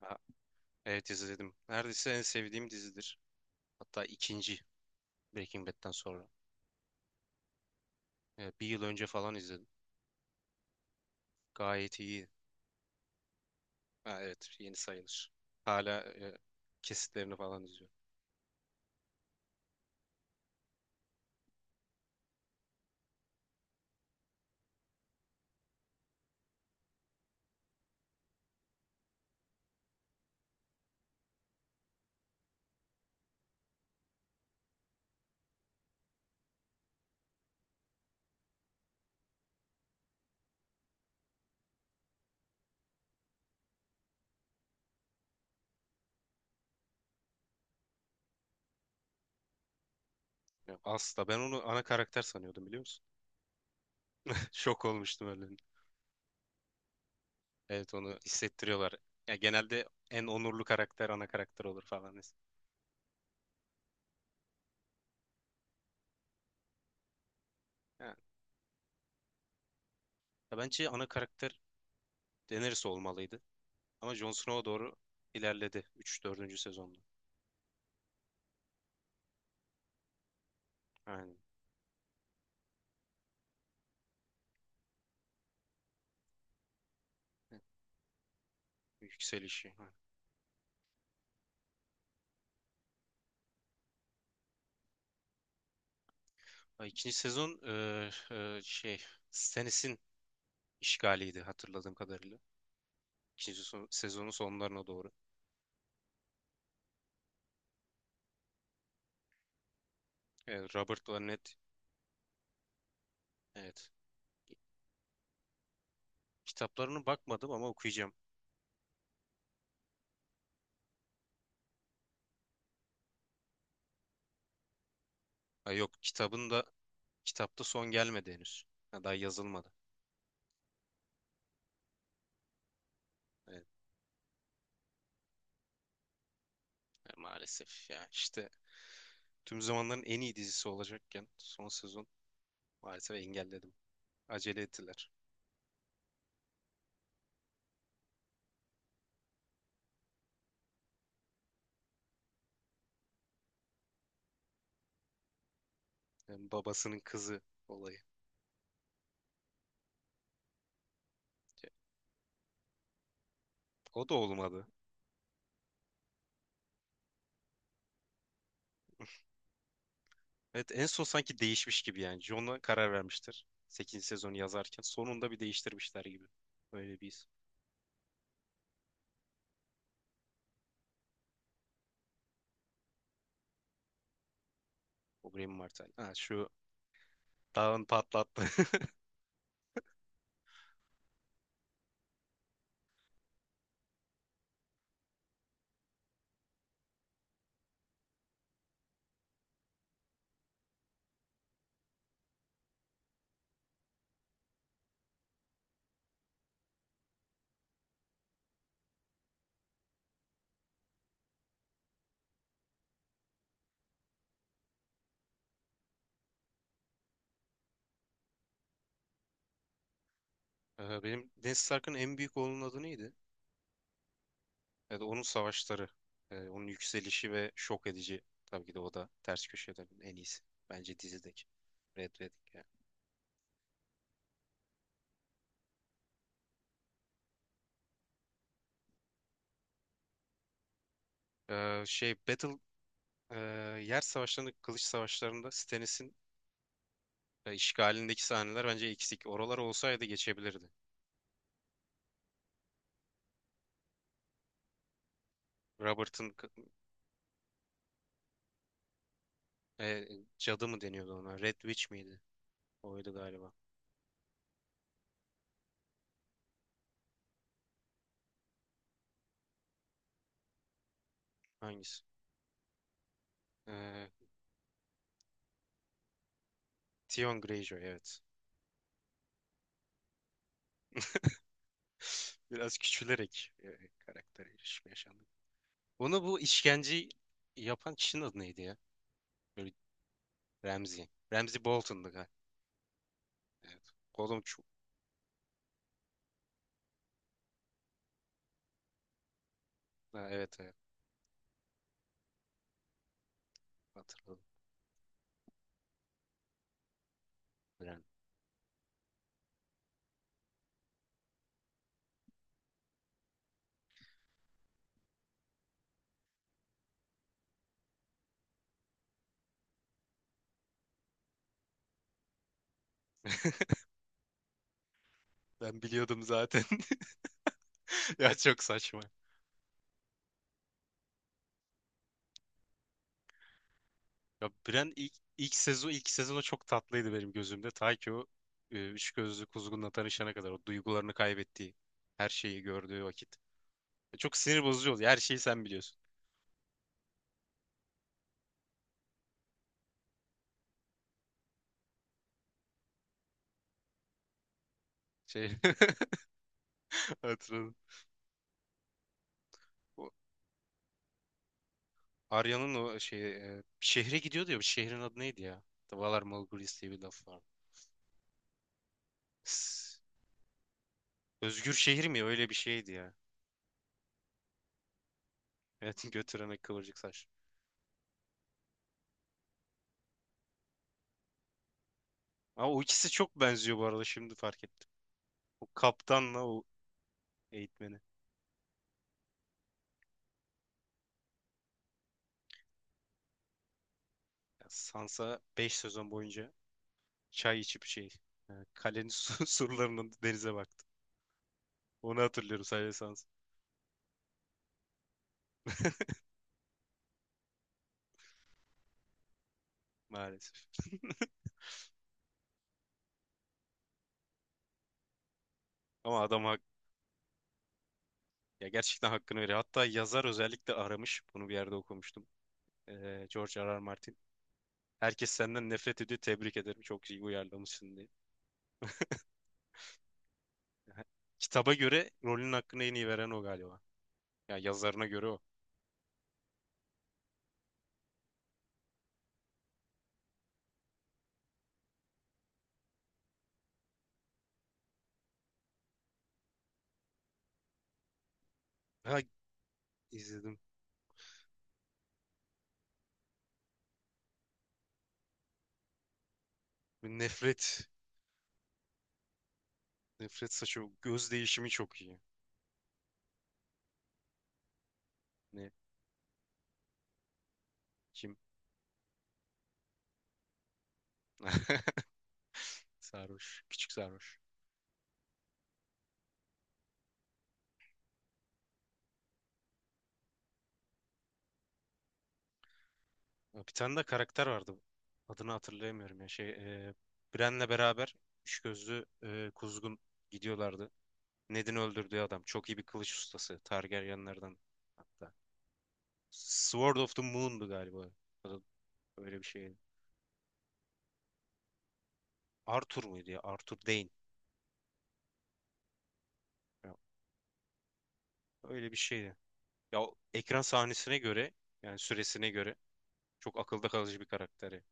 Ha, evet izledim. Neredeyse en sevdiğim dizidir. Hatta ikinci Breaking Bad'den sonra. Bir yıl önce falan izledim. Gayet iyi. Ha, evet yeni sayılır. Hala kesitlerini falan izliyorum. Ya, asla, ben onu ana karakter sanıyordum, biliyor musun? Şok olmuştum öyle. Evet, onu hissettiriyorlar. Ya, genelde en onurlu karakter ana karakter olur falan. Yani, ya, bence ana karakter Daenerys olmalıydı. Ama Jon Snow'a doğru ilerledi üç dördüncü sezonda. Aynen. Yükselişi. Ay, İkinci sezon şey, Stannis'in işgaliydi hatırladığım kadarıyla. İkinci sezonun sonlarına doğru. Evet, Robert Barnett. Evet. Kitaplarını bakmadım ama okuyacağım. Ha, yok kitabın da kitapta son gelmedi henüz. Ha, daha yazılmadı. Evet, maalesef ya işte tüm zamanların en iyi dizisi olacakken son sezon maalesef engelledim. Acele ettiler. Yani babasının kızı olayı. O da olmadı. Evet, en son sanki değişmiş gibi yani. John'a karar vermiştir sekizinci sezonu yazarken. Sonunda bir değiştirmişler gibi. Öyle bir his. O Graham Martel. Ha, şu dağın patlattı. Benim Ned Stark'ın en büyük oğlunun adı neydi? Evet, onun savaşları. Onun yükselişi ve şok edici. Tabii ki de o da ters köşelerin en iyisi. Bence dizideki. Red Wedding yani. Şey, Battle, e, yer savaşlarında, kılıç savaşlarında Stannis'in işgalindeki sahneler bence eksik. Oralar olsaydı geçebilirdi. Robert'ın k- e, Cadı mı deniyordu ona? Red Witch miydi? Oydu galiba. Hangisi? Ee, Theon Greyjoy, evet. Biraz küçülerek karakter erişimi yaşandı. Onu, bu işkenceyi yapan kişinin adı neydi ya? Böyle Ramsay. Ramsay Bolton'du galiba. Evet. Oğlum çok... Ha, evet, evet, hatırladım. Ben ben biliyordum zaten. Ya, çok saçma. Ya Bren ilk sezonu çok tatlıydı benim gözümde. Ta ki o üç gözlü kuzgunla tanışana kadar, o duygularını kaybettiği, her şeyi gördüğü vakit. Çok sinir bozucu oluyor. Her şeyi sen biliyorsun. Şey, hatırladım. O Arya'nın o şey, şehre gidiyordu ya. Bu şehrin adı neydi ya? The Valar Morghulis diye bir laf var. S- Özgür şehir mi? Öyle bir şeydi ya. Evet, götürene kıvırcık saç. Ama o ikisi çok benziyor, bu arada şimdi fark ettim. O kaptanla o eğitmeni. Ya Sansa 5 sezon boyunca çay içip şey, kalenin surlarının denize baktı. Onu hatırlıyorum sadece, sans, maalesef. Ama adam hak, ya gerçekten hakkını veriyor. Hatta yazar özellikle aramış. Bunu bir yerde okumuştum. George R. R. Martin. Herkes senden nefret ediyor. Tebrik ederim. Çok iyi uyarlamışsın diye. Ha, kitaba göre rolün hakkını en iyi veren o galiba. Ya, yazarına göre o. Ha, izledim. Nefret. Nefret saçı. Göz değişimi çok iyi. Ne? Kim? Sarhoş. Küçük sarhoş. Bir tane de karakter vardı. Adını hatırlayamıyorum ya. Şey, e, Bren'le beraber üç gözlü kuzgun gidiyorlardı. Ned'in öldürdüğü adam. Çok iyi bir kılıç ustası. Targaryenlerden hatta. Sword of the Moon'du galiba. Adı öyle bir şeydi. Arthur muydu ya? Arthur Dayne. Ya, öyle bir şeydi. Ya o ekran sahnesine göre, yani süresine göre, çok akılda kalıcı bir karakteri.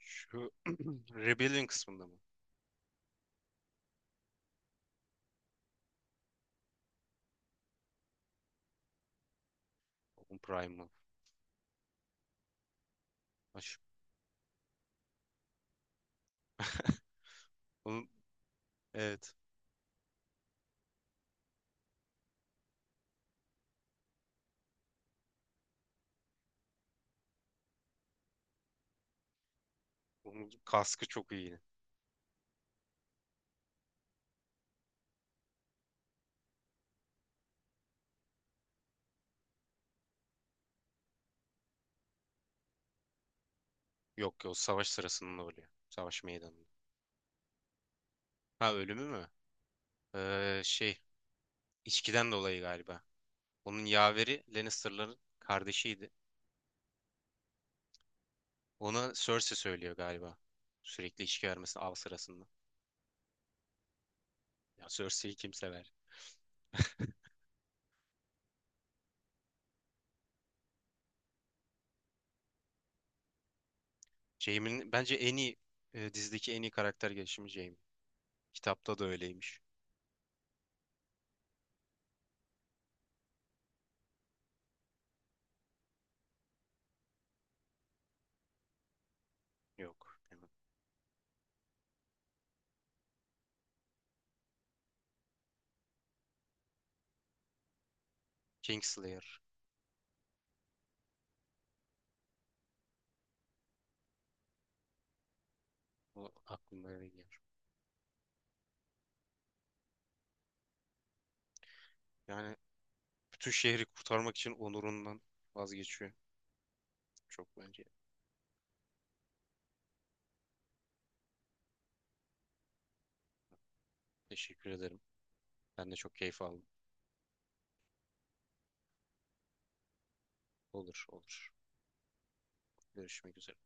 Şu Rebellion kısmında mı? Onun Prime mı? Onun, evet. Onun kaskı çok iyi. Yok, yok, savaş sırasında oluyor. Savaş meydanında. Ha, ölümü mü? Şey, içkiden dolayı galiba. Onun yaveri Lannister'ların kardeşiydi. Ona Cersei söylüyor galiba. Sürekli içki vermesini av sırasında. Ya Cersei'yi kim sever? Jaime'nin bence en iyi, dizideki en iyi karakter gelişimi Jaime. Kitapta da öyleymiş. Yok. Hemen. Kingslayer. O aklımda öyle geliyor. Yani bütün şehri kurtarmak için onurundan vazgeçiyor. Çok bence. Teşekkür ederim. Ben de çok keyif aldım. Olur, olur. Görüşmek üzere.